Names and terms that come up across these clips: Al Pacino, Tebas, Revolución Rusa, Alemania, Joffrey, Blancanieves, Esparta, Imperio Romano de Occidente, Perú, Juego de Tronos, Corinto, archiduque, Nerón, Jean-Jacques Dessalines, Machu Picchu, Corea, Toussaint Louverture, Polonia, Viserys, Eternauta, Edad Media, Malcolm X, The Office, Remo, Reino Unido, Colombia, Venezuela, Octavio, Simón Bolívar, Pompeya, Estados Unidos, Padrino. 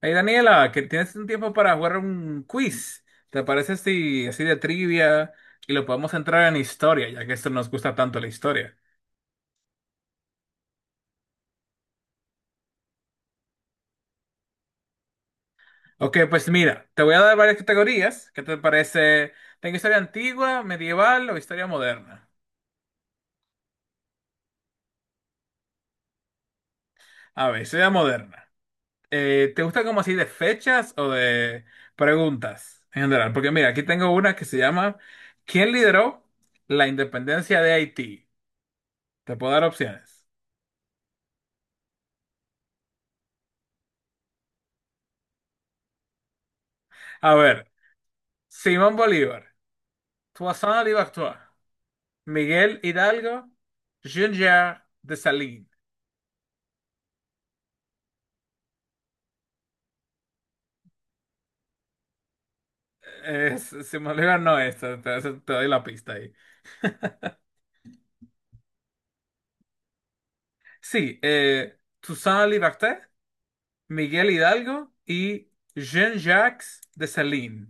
Hey Daniela, que tienes un tiempo para jugar un quiz. ¿Te parece si así de trivia y lo podemos entrar en historia, ya que esto nos gusta tanto la historia? Ok, pues mira, te voy a dar varias categorías. ¿Qué te parece? Tengo historia antigua, medieval o historia moderna. A ver, historia moderna. ¿Te gusta como así de fechas o de preguntas en general? Porque mira, aquí tengo una que se llama ¿Quién lideró la independencia de Haití? Te puedo dar opciones. A ver, Simón Bolívar. Toussaint Louverture, Miguel Hidalgo, Junior de Salín. Simón Bolívar no es, te doy la pista ahí. Sí, Toussaint Louverture, Miguel Hidalgo y Jean-Jacques Dessalines.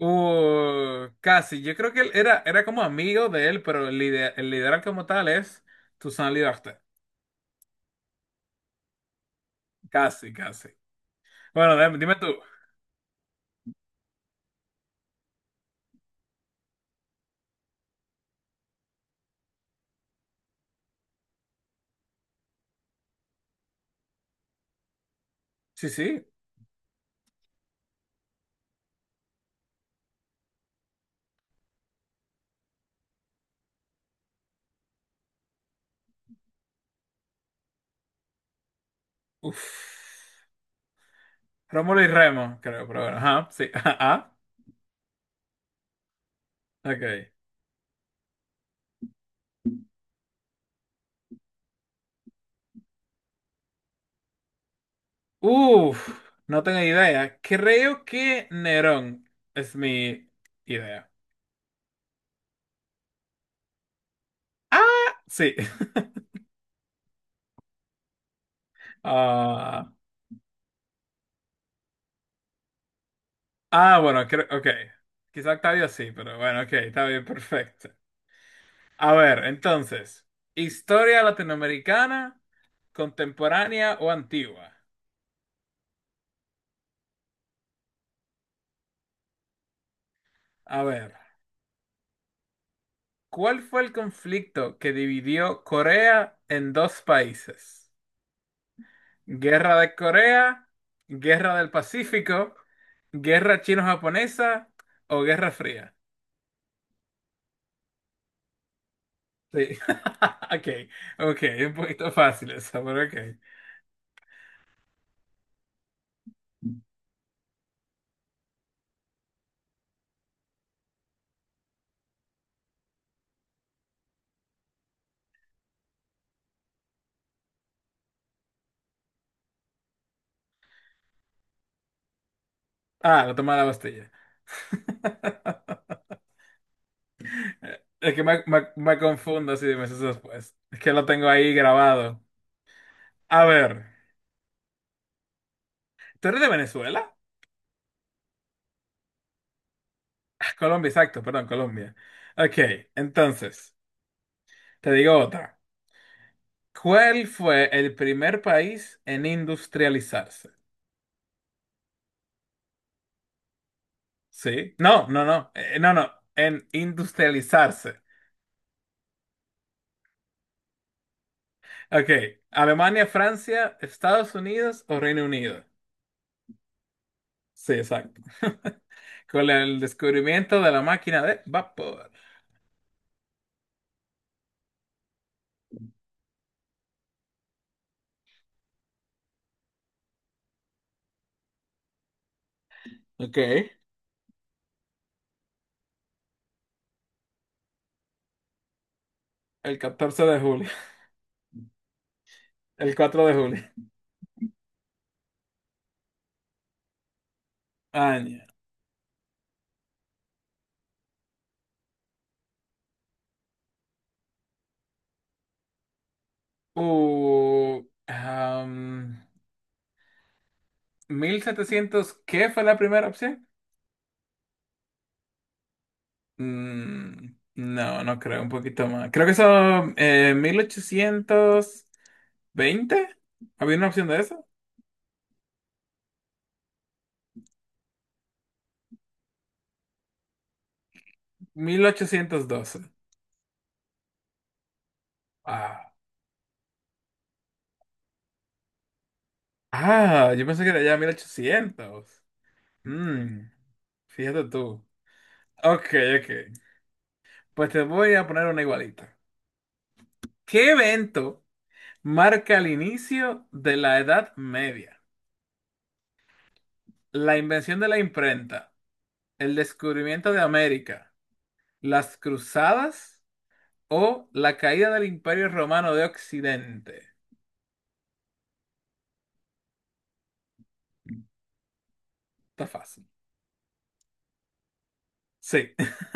Casi, yo creo que él era, era como amigo de él, pero el liderazgo como tal es Toussaint Louverture. Casi, casi. Bueno, dime, dime tú. Sí, sí. Uf. Rómulo y Remo, creo, pero bueno, ajá, sí, ajá, ok. Uf, no tengo idea. Creo que Nerón es mi idea. Ah, sí. Ah, ah, bueno, creo, ok. Quizá Octavio sí, pero bueno, ok, está bien, perfecto. A ver, entonces, historia latinoamericana, contemporánea o antigua. A ver, ¿cuál fue el conflicto que dividió Corea en dos países? Guerra de Corea, Guerra del Pacífico, Guerra Chino-Japonesa o Guerra Fría. Sí. Ok, ok, un poquito fácil eso, pero ok. Ah, la toma de la Bastilla. Es que me, me confundo si meses después. Es que lo tengo ahí grabado. A ver, ¿tú eres de Venezuela? Ah, Colombia, exacto, perdón, Colombia. Ok, entonces, te digo otra. ¿Cuál fue el primer país en industrializarse? Sí. No, no, no. No, no. En industrializarse. Ok. Alemania, Francia, Estados Unidos o Reino Unido. Sí, exacto. Con el descubrimiento de la máquina de vapor. Ok. El 14 de julio. El 4 de julio. Año. Uh, am, 1700. ¿Qué fue la primera opción? No, no creo. Un poquito más. Creo que son 1820. ¿Había una opción de eso? 1812. Ah, ah, yo pensé que era ya 1800. Mm, Fíjate tú. Ok, ok. Pues te voy a poner una igualita. ¿Qué evento marca el inicio de la Edad Media? La invención de la imprenta, el descubrimiento de América, las cruzadas o la caída del Imperio Romano de Occidente. Está fácil. Sí,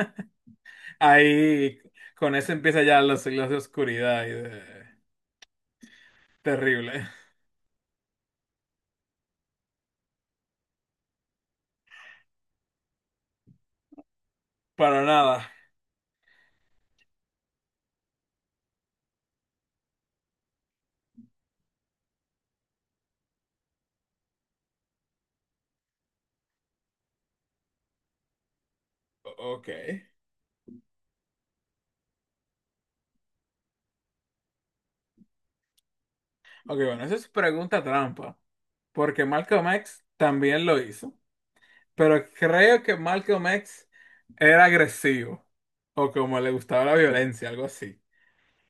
ahí con eso empieza ya los siglos de oscuridad y de. Terrible. Para nada. Ok. Ok, bueno, eso es pregunta trampa. Porque Malcolm X también lo hizo. Pero creo que Malcolm X era agresivo. O como le gustaba la violencia, algo así.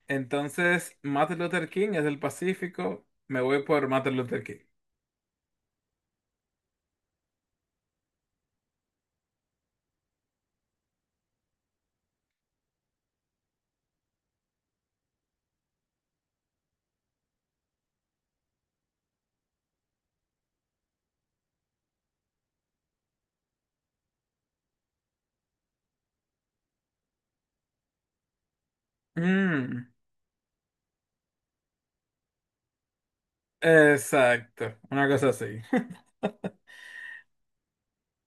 Entonces, Martin Luther King es del Pacífico. Me voy por Martin Luther King. Mm, exacto. Una cosa así.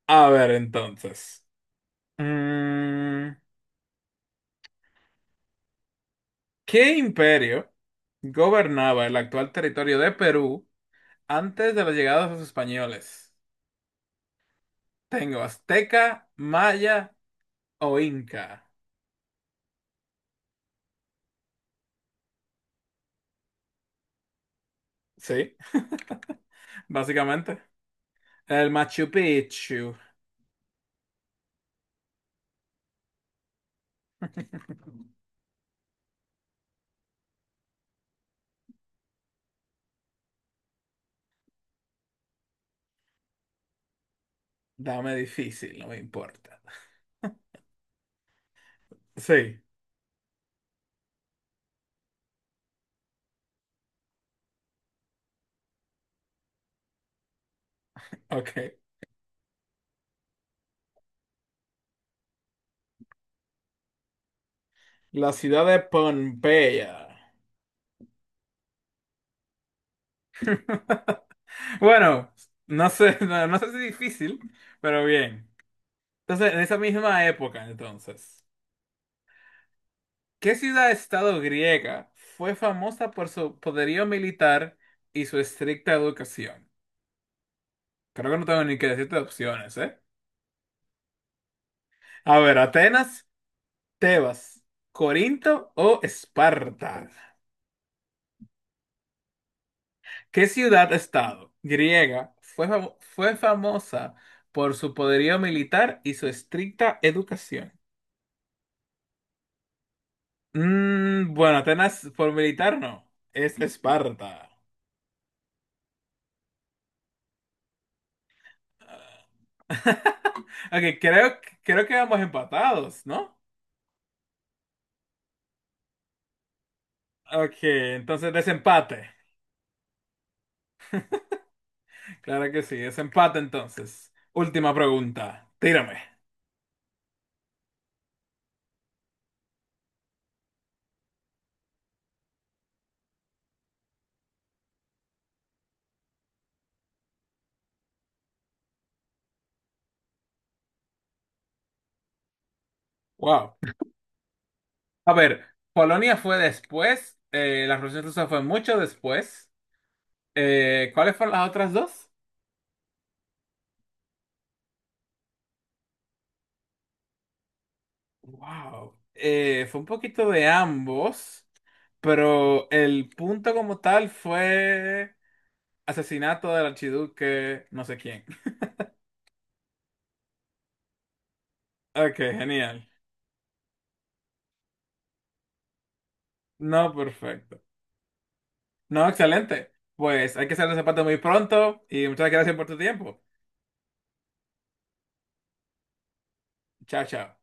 A ver, entonces. Mm, ¿qué imperio gobernaba el actual territorio de Perú? Antes de la llegada de los españoles, tengo azteca, maya o inca. Sí, básicamente. El Machu Picchu. Dame difícil, no me importa. Sí, ok. La ciudad de Pompeya. Bueno, no sé, no, no sé si difícil, pero bien. Entonces, en esa misma época, entonces, ¿qué ciudad-estado griega fue famosa por su poderío militar y su estricta educación? Creo que no tengo ni que decirte opciones, ¿eh? A ver, Atenas, Tebas, Corinto o Esparta. ¿Qué ciudad-estado griega fue famosa por su poderío militar y su estricta educación? Bueno, Atenas por militar no, es Esparta. Ah. Ok, creo que vamos empatados, ¿no? Ok, entonces desempate. Claro que sí, desempate entonces. Última pregunta, tírame. Wow. A ver, Polonia fue después, la Revolución Rusa fue mucho después. ¿Cuáles fueron las otras dos? Wow. Fue un poquito de ambos, pero el punto como tal fue asesinato del archiduque no sé quién. Ok, genial. No, perfecto. No, excelente. Pues hay que hacer el zapato muy pronto y muchas gracias por tu tiempo. Chao, chao.